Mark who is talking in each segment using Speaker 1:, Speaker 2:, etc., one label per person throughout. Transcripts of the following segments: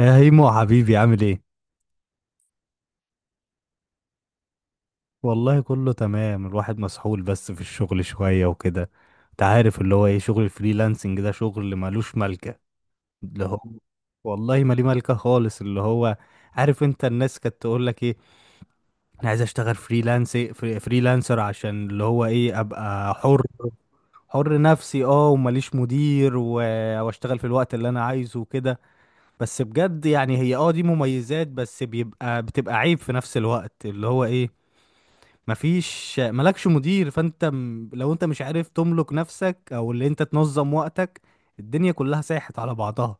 Speaker 1: يا هيمو حبيبي عامل ايه؟ والله كله تمام، الواحد مسحول بس في الشغل شوية وكده. انت عارف اللي هو ايه شغل الفريلانسنج ده شغل ملوش ملكة. اللي هو والله ما ليه ملكة خالص. اللي هو عارف، انت الناس كانت تقول لك ايه؟ انا عايز اشتغل فريلانس فريلانسر عشان اللي هو ايه ابقى حر، حر نفسي، اه، ومليش مدير واشتغل في الوقت اللي انا عايزه وكده. بس بجد يعني هي، اه، دي مميزات بس بتبقى عيب في نفس الوقت. اللي هو ايه مفيش، مالكش مدير، فانت لو انت مش عارف تملك نفسك او اللي انت تنظم وقتك الدنيا كلها ساحت على بعضها.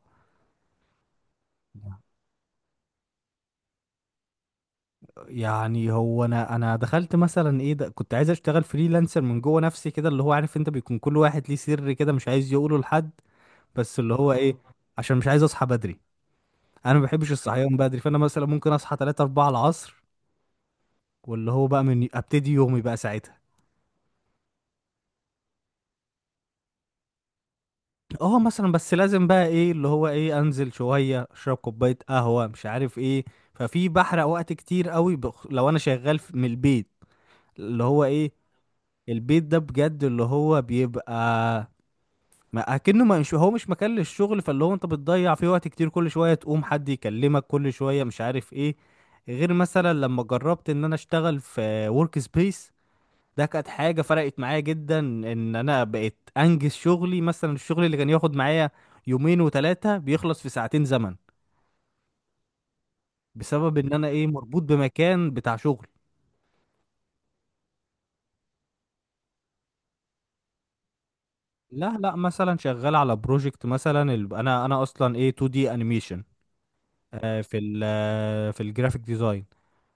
Speaker 1: يعني هو انا دخلت مثلا، ايه ده، كنت عايز اشتغل فريلانسر من جوه نفسي كده. اللي هو عارف انت، بيكون كل واحد ليه سر كده مش عايز يقوله لحد. بس اللي هو ايه عشان مش عايز اصحى بدري. انا ما بحبش الصحيان بدري، فانا مثلا ممكن اصحى 3 4 العصر، واللي هو بقى من ابتدي يومي بقى ساعتها. اه، مثلا بس لازم بقى، ايه اللي هو ايه انزل شويه، اشرب كوبايه قهوه، مش عارف ايه. ففي بحرق وقت كتير قوي لو انا شغال من البيت. اللي هو ايه البيت ده بجد اللي هو بيبقى ما اكنه ما مش هو مش مكان للشغل. فاللي هو انت بتضيع فيه وقت كتير، كل شويه تقوم حد يكلمك، كل شويه مش عارف ايه. غير مثلا لما جربت ان انا اشتغل في ورك سبيس، ده كانت حاجة فرقت معايا جدا، ان انا بقيت انجز شغلي. مثلا الشغل اللي كان ياخد معايا يومين وثلاثة بيخلص في ساعتين زمن، بسبب ان انا، ايه، مربوط بمكان بتاع شغل. لا لا، مثلا شغال على بروجكت، مثلا انا اصلا ايه، 2 دي انيميشن، في ال آه، في الجرافيك ديزاين.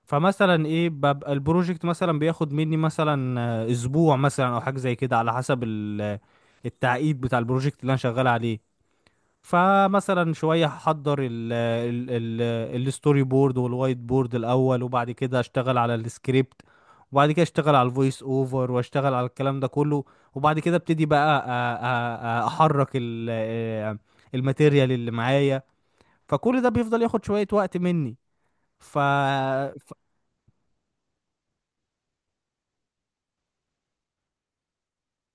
Speaker 1: فمثلا ايه، ببقى البروجكت مثلا بياخد مني مثلا، آه، اسبوع مثلا او حاجة زي كده، على حسب التعقيد بتاع البروجكت اللي انا شغال عليه. فمثلا شوية هحضر ال الستوري بورد والوايت بورد الأول، وبعد كده أشتغل على السكريبت، وبعد كده أشتغل على الفويس أوفر، وأشتغل على الكلام ده كله، وبعد كده أبتدي بقى أحرك ال الماتيريال اللي معايا. فكل ده بيفضل ياخد شوية وقت مني. ف... ف...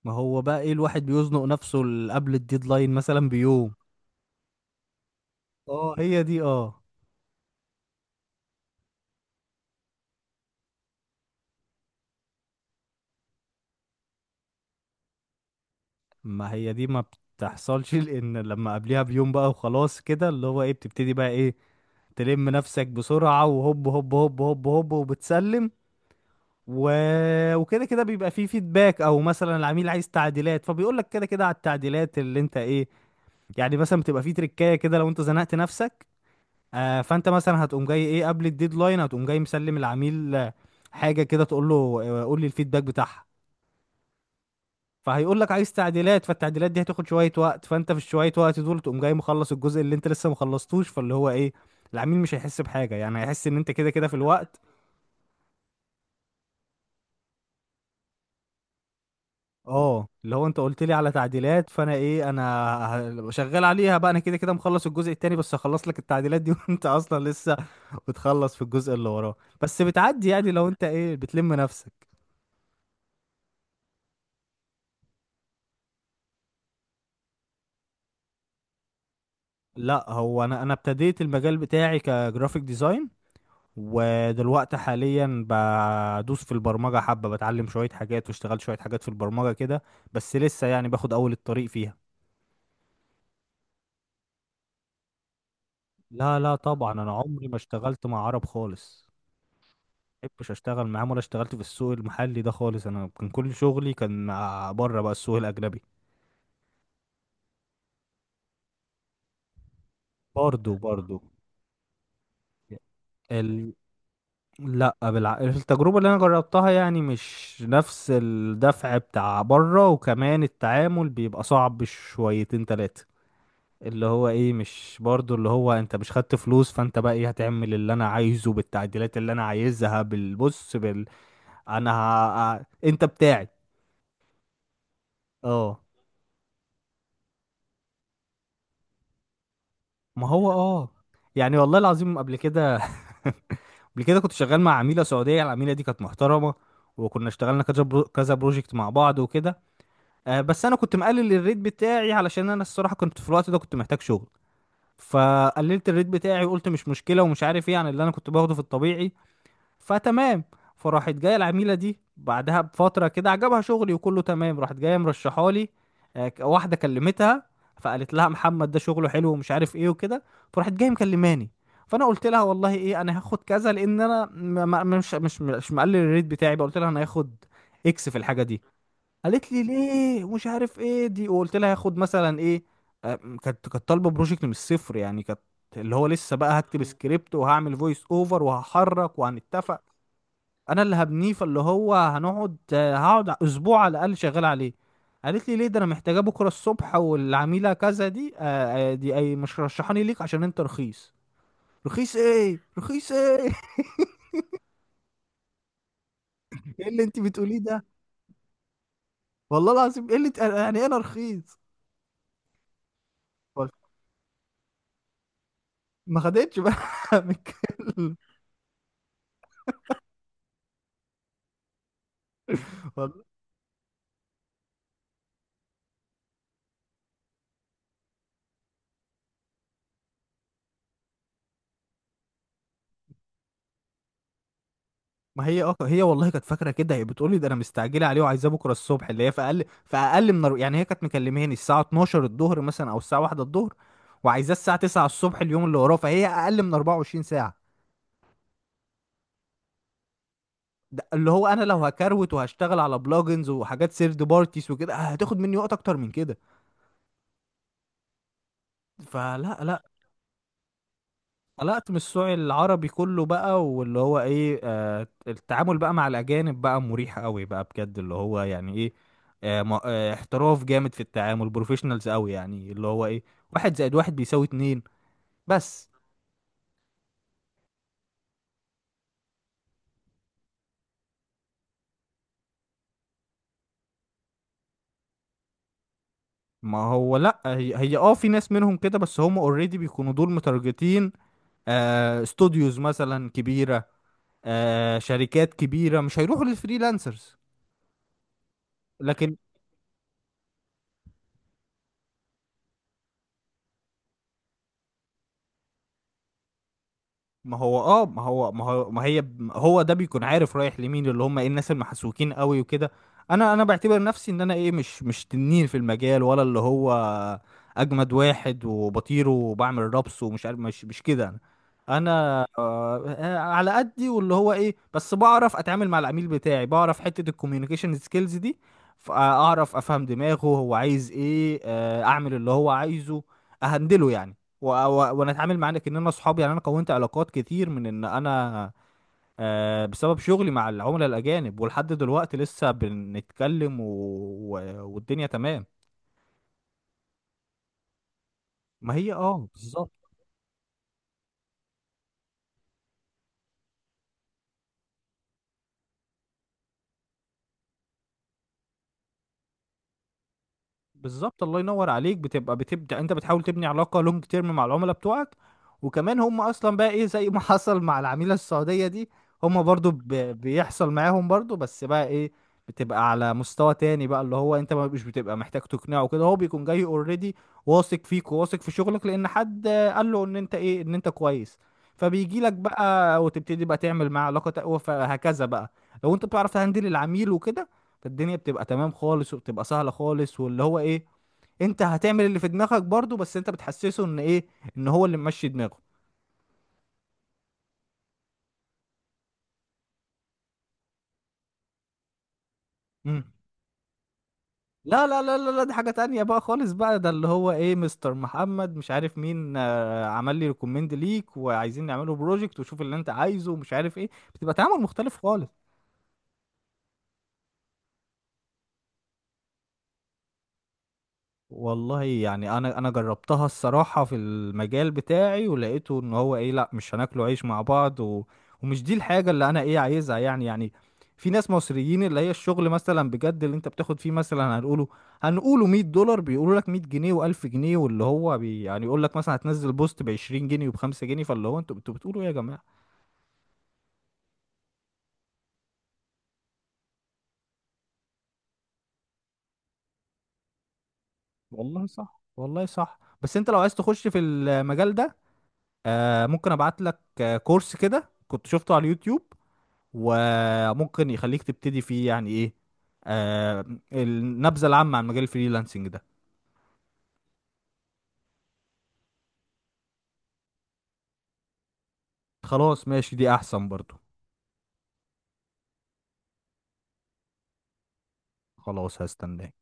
Speaker 1: ما هو بقى إيه، الواحد بيزنق نفسه قبل الديدلاين مثلا بيوم. اه، هي دي، اه. ما هي دي ما بتحصلش، لان لما قبليها بيوم بقى وخلاص كده، اللي هو ايه بتبتدي بقى، ايه، تلم نفسك بسرعة، وهوب هوب هوب هوب هوب، وبتسلم. و... وكده كده بيبقى فيه فيدباك، او مثلا العميل عايز تعديلات، فبيقول لك كده كده على التعديلات اللي انت، ايه، يعني مثلا بتبقى فيه تريكاية كده لو انت زنقت نفسك. آه، فانت مثلا هتقوم جاي، ايه، قبل الديدلاين، هتقوم جاي مسلم العميل، آه، حاجة كده تقول له، آه، قول لي الفيدباك بتاعها. فهيقول لك عايز تعديلات، فالتعديلات دي هتاخد شويه وقت، فانت في الشويه وقت دول تقوم جاي مخلص الجزء اللي انت لسه مخلصتوش. فاللي هو ايه العميل مش هيحس بحاجه، يعني هيحس ان انت كده كده في الوقت. اه، اللي هو انت قلت لي على تعديلات، فانا، ايه، انا شغال عليها بقى، انا كده كده مخلص الجزء التاني، بس هخلص لك التعديلات دي، وانت اصلا لسه بتخلص في الجزء اللي وراه. بس بتعدي يعني لو انت، ايه، بتلم نفسك. لا، هو انا ابتديت المجال بتاعي كجرافيك ديزاين، ودلوقتي حاليا بدوس في البرمجة حبة، بتعلم شوية حاجات واشتغلت شوية حاجات في البرمجة كده، بس لسه يعني باخد أول الطريق فيها. لا لا، طبعا أنا عمري ما اشتغلت مع عرب خالص. محبش اشتغل معاهم، ولا اشتغلت في السوق المحلي ده خالص. انا كان كل شغلي كان مع بره بقى، السوق الاجنبي. برضو برضو. ال... لا بالع... التجربة اللي انا جربتها، يعني مش نفس الدفع بتاع بره، وكمان التعامل بيبقى صعب شويتين تلاتة. اللي هو ايه مش برضو اللي هو انت مش خدت فلوس، فانت بقى، ايه، هتعمل اللي انا عايزه بالتعديلات اللي انا عايزها بالبص بال، انا انت بتاعي. اه. ما هو اه. يعني والله العظيم، قبل كده، قبل كده كنت شغال مع عميلة سعودية. العميلة دي كانت محترمة، وكنا اشتغلنا كذا بروجكت مع بعض وكده. آه، بس انا كنت مقلل الريت بتاعي، علشان انا الصراحة كنت في الوقت ده كنت محتاج شغل. فقللت الريت بتاعي، وقلت مش مشكلة ومش عارف ايه، عن اللي انا كنت باخده في الطبيعي. فتمام. فراحت جايه العميله دي بعدها بفتره كده، عجبها شغلي وكله تمام، راحت جايه مرشحه لي، آه، واحده كلمتها، فقالت لها محمد ده شغله حلو ومش عارف ايه وكده. فراحت جايه مكلماني، فانا قلت لها والله، ايه، انا هاخد كذا، لان انا مش مقلل الريت بتاعي بقى، قلت لها انا هاخد اكس في الحاجه دي. قالت لي ليه ومش عارف ايه دي، وقلت لها هاخد مثلا ايه. آه، كانت طالبه بروجكت من الصفر يعني، كانت اللي هو لسه بقى هكتب سكريبت، وهعمل فويس اوفر، وهحرك، وهنتفق. انا اللي هبنيه، فاللي هو هنقعد، آه، هقعد اسبوع على الاقل شغال عليه. قالت لي ليه؟ ده انا محتاجاه بكره الصبح، والعميله كذا دي، دي اي، مش رشحاني ليك عشان انت رخيص. رخيص ايه؟ رخيص ايه؟ ايه اللي انت بتقوليه ده؟ والله العظيم، ايه اللي يعني إيه انا رخيص؟ ما خدتش بقى من الكلمة. ما هي، اه، هي والله كانت فاكره كده. هي بتقول لي ده انا مستعجله عليه وعايزاه بكره الصبح، اللي هي في اقل في اقل من يعني، هي كانت مكلماني الساعه 12 الظهر مثلا، او الساعه 1 الظهر، وعايزاه الساعه 9 الصبح اليوم اللي وراه. فهي اقل من 24 ساعه. ده اللي هو انا لو هكروت وهشتغل على بلوجنز وحاجات سيرد بارتيز وكده، هتاخد مني وقت اكتر من كده. لا. قلقت من السوق العربي كله بقى، واللي هو ايه آه، التعامل بقى مع الاجانب بقى مريح قوي بقى، بجد، اللي هو يعني ايه آه، احتراف جامد في التعامل، بروفيشنالز قوي، يعني اللي هو ايه واحد زائد واحد بيساوي اتنين. بس. ما هو لا هي، هي، في ناس منهم كده، بس هم اوريدي بيكونوا دول متارجتين، آه، استوديوز مثلا كبيرة، آه، شركات كبيرة مش هيروحوا للفريلانسرز. لكن ما هو اه ما هو ما هو ما هي هو ده بيكون عارف رايح لمين، اللي هم، ايه، الناس المحسوكين قوي وكده. انا بعتبر نفسي ان انا، ايه، مش تنين في المجال، ولا اللي هو اجمد واحد وبطير وبعمل رابس ومش عارف، مش كده انا. انا، آه، على قدي، واللي هو ايه بس بعرف اتعامل مع العميل بتاعي، بعرف حتة الكوميونيكيشن سكيلز دي، فاعرف افهم دماغه هو عايز ايه، آه، اعمل اللي هو عايزه، اهندله يعني. وانا اتعامل معاك ان انا اصحاب يعني، انا كونت علاقات كتير من ان انا، آه، بسبب شغلي مع العملاء الاجانب. ولحد دلوقتي لسه بنتكلم، والدنيا تمام. ما هي، اه، بالظبط. بالظبط، الله ينور عليك. بتبقى بتبدا انت بتحاول تبني علاقه لونج تيرم مع العملاء بتوعك. وكمان هم اصلا بقى، ايه، زي ما حصل مع العميله السعوديه دي، هم برضو بيحصل معاهم برضو، بس بقى ايه، بتبقى على مستوى تاني بقى، اللي هو انت ما مش بتبقى محتاج تقنعه، كده هو بيكون جاي اوريدي واثق فيك، وواثق في شغلك، لان حد قال له ان انت، ايه، ان انت كويس. فبيجي لك بقى، وتبتدي بقى تعمل معاه علاقه تقوى، فهكذا بقى. لو انت بتعرف تهندل العميل وكده، فالدنيا بتبقى تمام خالص، وبتبقى سهلة خالص. واللي هو ايه انت هتعمل اللي في دماغك برضو، بس انت بتحسسه ان، ايه، ان هو اللي ممشي دماغه. مم. لا لا لا لا لا، دي حاجة تانية بقى خالص بقى. ده اللي هو ايه مستر محمد، مش عارف مين، آه، عمل لي ريكومند ليك، وعايزين نعمله بروجكت، وشوف اللي انت عايزه ومش عارف ايه. بتبقى تعامل مختلف خالص. والله يعني انا جربتها الصراحه في المجال بتاعي، ولقيته ان هو، ايه، لا مش هناكله عيش مع بعض، ومش دي الحاجه اللي انا، ايه، عايزها يعني. في ناس مصريين، اللي هي الشغل مثلا بجد اللي انت بتاخد فيه مثلا هنقوله $100 بيقولوا لك 100 جنيه، و1000 جنيه، واللي هو بي يعني يقول لك مثلا هتنزل بوست ب 20 جنيه، وب 5 جنيه. فاللي هو، انتوا بتقولوا ايه يا جماعه؟ والله صح، والله صح. بس انت لو عايز تخش في المجال ده، آه، ممكن ابعت لك، آه، كورس كده كنت شفته على اليوتيوب، وممكن يخليك تبتدي فيه، يعني، ايه، آه، النبذة العامة عن مجال الفريلانسنج ده. خلاص، ماشي، دي احسن برضو. خلاص، هستناك.